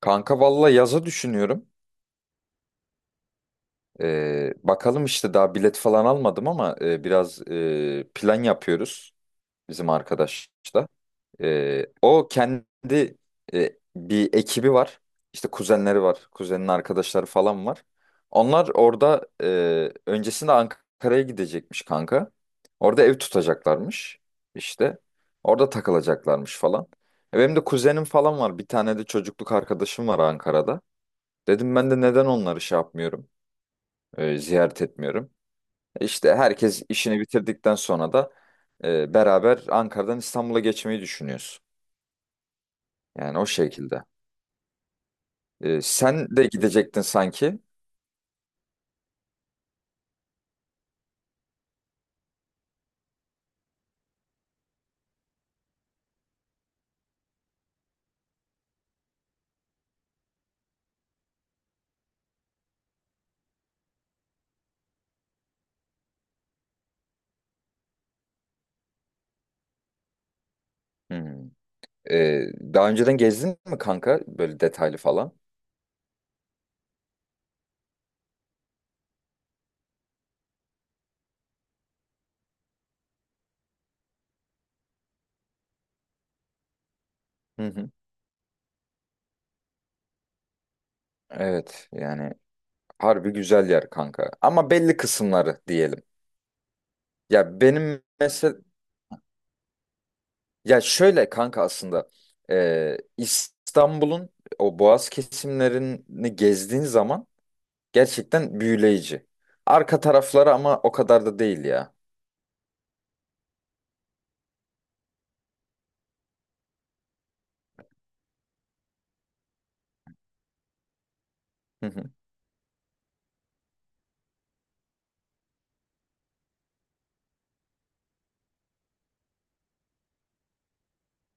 Kanka valla yaza düşünüyorum. Bakalım işte daha bilet falan almadım ama biraz plan yapıyoruz bizim arkadaşla. O kendi bir ekibi var. İşte kuzenleri var. Kuzenin arkadaşları falan var. Onlar orada öncesinde Ankara'ya gidecekmiş kanka. Orada ev tutacaklarmış işte. Orada takılacaklarmış falan. Benim de kuzenim falan var. Bir tane de çocukluk arkadaşım var Ankara'da. Dedim ben de neden onları şey yapmıyorum, ziyaret etmiyorum. İşte herkes işini bitirdikten sonra da beraber Ankara'dan İstanbul'a geçmeyi düşünüyoruz. Yani o şekilde. Sen de gidecektin sanki. Hmm. E, daha önceden gezdin mi kanka böyle detaylı falan? Hı hı. Evet yani harbi güzel yer kanka. Ama belli kısımları diyelim. Ya benim mesela ya şöyle kanka aslında İstanbul'un o Boğaz kesimlerini gezdiğin zaman gerçekten büyüleyici. Arka tarafları ama o kadar da değil ya. Hı hı,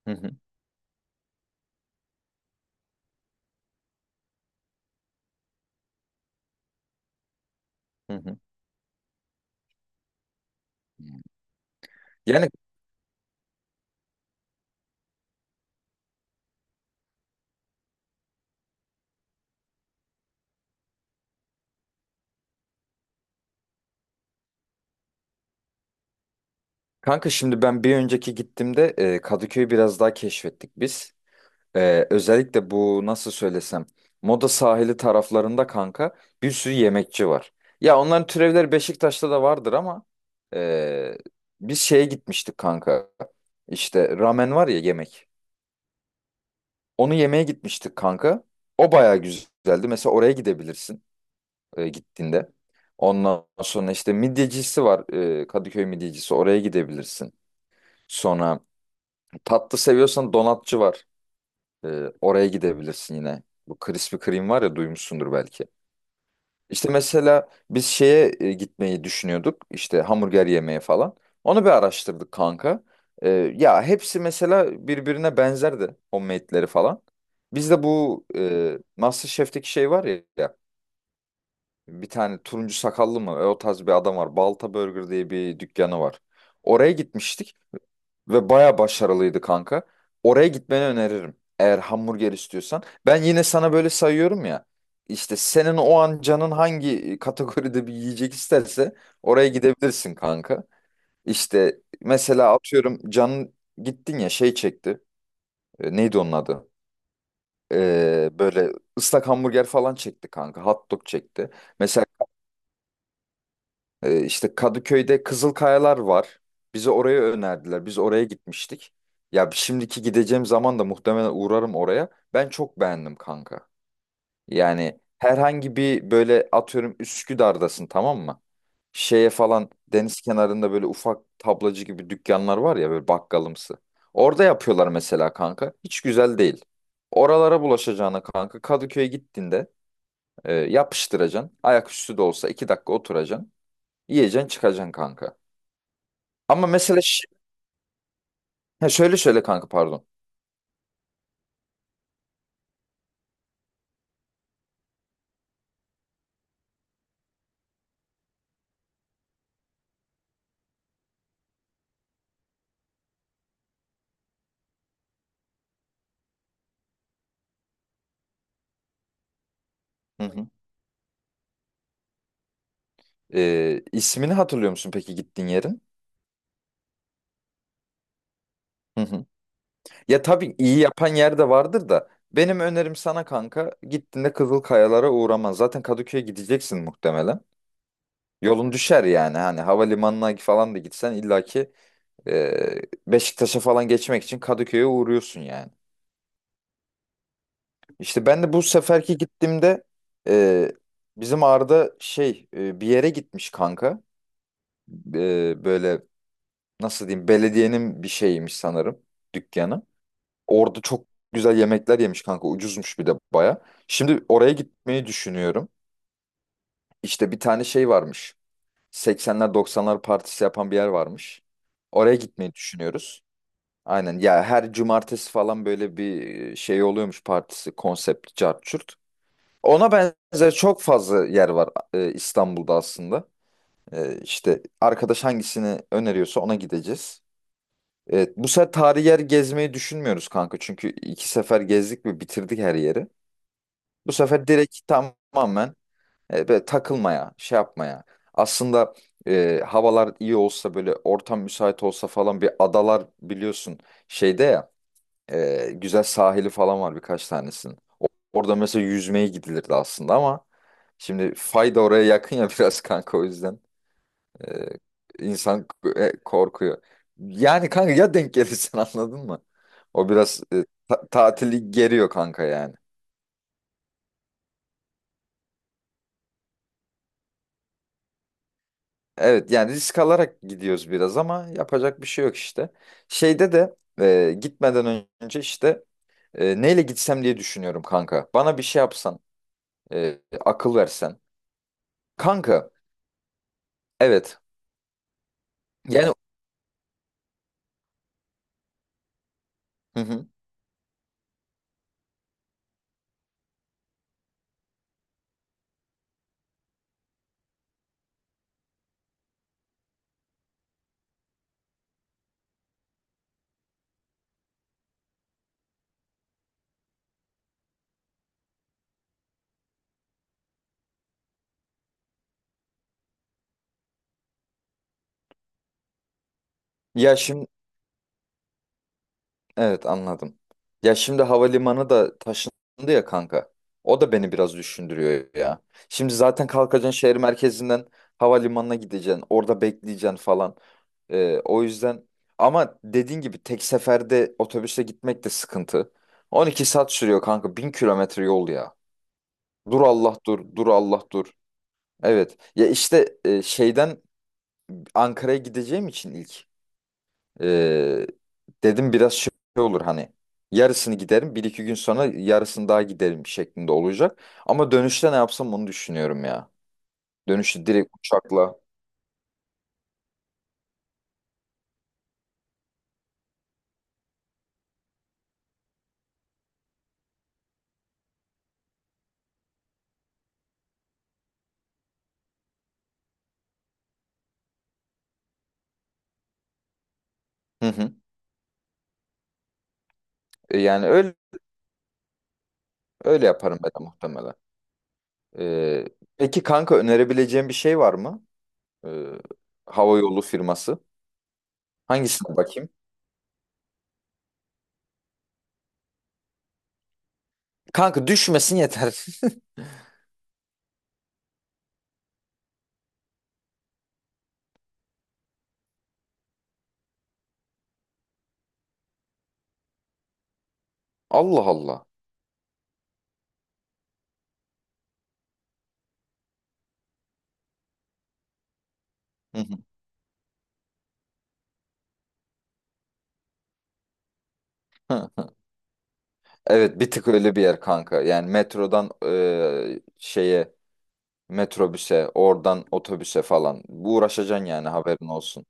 hı hı, hı hı. Yani kanka şimdi ben bir önceki gittiğimde Kadıköy'ü biraz daha keşfettik biz. Özellikle bu nasıl söylesem Moda sahili taraflarında kanka bir sürü yemekçi var. Ya onların türevleri Beşiktaş'ta da vardır ama ee, biz şeye gitmiştik kanka. İşte ramen var ya yemek. Onu yemeye gitmiştik kanka. O bayağı güzeldi. Mesela oraya gidebilirsin gittiğinde. Ondan sonra işte midyecisi var. Kadıköy midyecisi. Oraya gidebilirsin. Sonra tatlı seviyorsan donatçı var. Oraya gidebilirsin yine. Bu Krispy Kreme var ya duymuşsundur belki. İşte mesela biz şeye gitmeyi düşünüyorduk. İşte hamburger yemeye falan. Onu bir araştırdık kanka. Ee, ya hepsi mesela birbirine benzerdi. Homemade'leri falan. Biz de bu MasterChef'teki şey var ya. Ya, bir tane turuncu sakallı mı? O tarz bir adam var. Balta Burger diye bir dükkanı var. Oraya gitmiştik. Ve baya başarılıydı kanka. Oraya gitmeni öneririm. Eğer hamburger istiyorsan. Ben yine sana böyle sayıyorum ya. İşte senin o an canın hangi kategoride bir yiyecek isterse oraya gidebilirsin kanka. İşte mesela atıyorum canın gittin ya şey çekti. Neydi onun adı? Böyle ıslak hamburger falan çekti kanka. Hot dog çekti. Mesela işte Kadıköy'de Kızılkayalar var. Bizi oraya önerdiler. Biz oraya gitmiştik. Ya şimdiki gideceğim zaman da muhtemelen uğrarım oraya. Ben çok beğendim kanka. Yani herhangi bir böyle atıyorum Üsküdar'dasın, tamam mı? Şeye falan deniz kenarında böyle ufak tablacı gibi dükkanlar var ya böyle bakkalımsı. Orada yapıyorlar mesela kanka. Hiç güzel değil. Oralara bulaşacağına kanka Kadıköy'e gittiğinde yapıştıracaksın. Ayaküstü de olsa 2 dakika oturacaksın. Yiyeceksin çıkacaksın kanka. Ama mesela ha, şöyle şöyle kanka pardon. Hı hı. İsmini hatırlıyor musun peki gittiğin yerin? Hı hı. Ya tabii iyi yapan yer de vardır da benim önerim sana kanka gittiğinde Kızılkayalara uğraman. Zaten Kadıköy'e gideceksin muhtemelen. Yolun düşer yani hani havalimanına falan da gitsen illaki e, Beşiktaş'a falan geçmek için Kadıköy'e uğruyorsun yani. İşte ben de bu seferki gittiğimde e, bizim Arda şey bir yere gitmiş kanka. Böyle nasıl diyeyim belediyenin bir şeyiymiş sanırım dükkanı. Orada çok güzel yemekler yemiş kanka, ucuzmuş bir de baya. Şimdi oraya gitmeyi düşünüyorum. İşte bir tane şey varmış. 80'ler 90'lar partisi yapan bir yer varmış. Oraya gitmeyi düşünüyoruz. Aynen ya, her cumartesi falan böyle bir şey oluyormuş, partisi, konsept, cart curt. Ona benzer çok fazla yer var İstanbul'da aslında. İşte arkadaş hangisini öneriyorsa ona gideceğiz. Evet, bu sefer tarihi yer gezmeyi düşünmüyoruz kanka. Çünkü iki sefer gezdik ve bitirdik her yeri. Bu sefer direkt tamamen böyle takılmaya, şey yapmaya. Aslında havalar iyi olsa böyle, ortam müsait olsa falan bir adalar biliyorsun şeyde ya, güzel sahili falan var birkaç tanesinin. Orada mesela yüzmeye gidilirdi aslında ama şimdi fayda oraya yakın ya biraz kanka, o yüzden. Ee, insan korkuyor. Yani kanka ya denk gelirsen anladın mı? O biraz tatili geriyor kanka yani. Evet yani risk alarak gidiyoruz biraz ama yapacak bir şey yok işte. Şeyde de gitmeden önce işte neyle gitsem diye düşünüyorum kanka. Bana bir şey yapsan, akıl versen. Kanka evet, yani hı hı. Ya şimdi evet, anladım. Ya şimdi havalimanı da taşındı ya kanka. O da beni biraz düşündürüyor ya. Şimdi zaten kalkacaksın şehir merkezinden havalimanına gideceksin. Orada bekleyeceksin falan. O yüzden ama dediğin gibi tek seferde otobüse gitmek de sıkıntı. 12 saat sürüyor kanka. 1000 kilometre yol ya. Dur Allah dur. Dur Allah dur. Evet. Ya işte şeyden Ankara'ya gideceğim için ilk. Ee, dedim biraz şey olur hani, yarısını giderim bir iki gün sonra, yarısını daha giderim şeklinde olacak. Ama dönüşte ne yapsam onu düşünüyorum ya. Dönüşte direkt uçakla. Hı hı. Yani öyle öyle yaparım ben de muhtemelen. Ee, peki kanka, önerebileceğim bir şey var mı? Ee, hava yolu firması. Hangisine bakayım? Kanka düşmesin yeter. Allah Allah. Hı hı. Evet, bir tık öyle bir yer kanka. Yani metrodan şeye metrobüse, oradan otobüse falan. Bu uğraşacaksın yani, haberin olsun.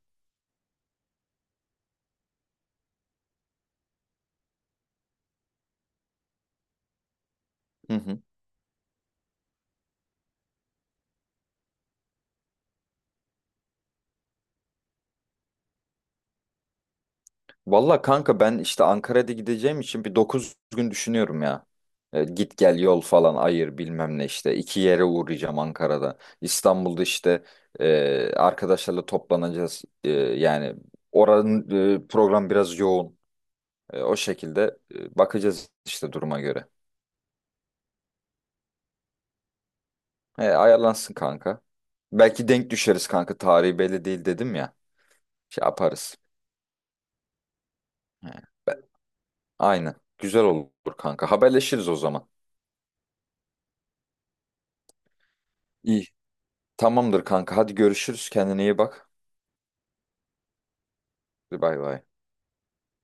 Hı hı. Valla kanka ben işte Ankara'da gideceğim için bir 9 gün düşünüyorum ya. Git gel yol falan ayır bilmem ne işte. İki yere uğrayacağım Ankara'da. İstanbul'da işte arkadaşlarla toplanacağız. Yani oranın program biraz yoğun. O şekilde bakacağız işte duruma göre. Ayarlansın kanka. Belki denk düşeriz kanka. Tarihi belli değil dedim ya. Şey yaparız. He. Aynen. Güzel olur kanka. Haberleşiriz o zaman. İyi. Tamamdır kanka. Hadi görüşürüz. Kendine iyi bak. Hadi bay bay.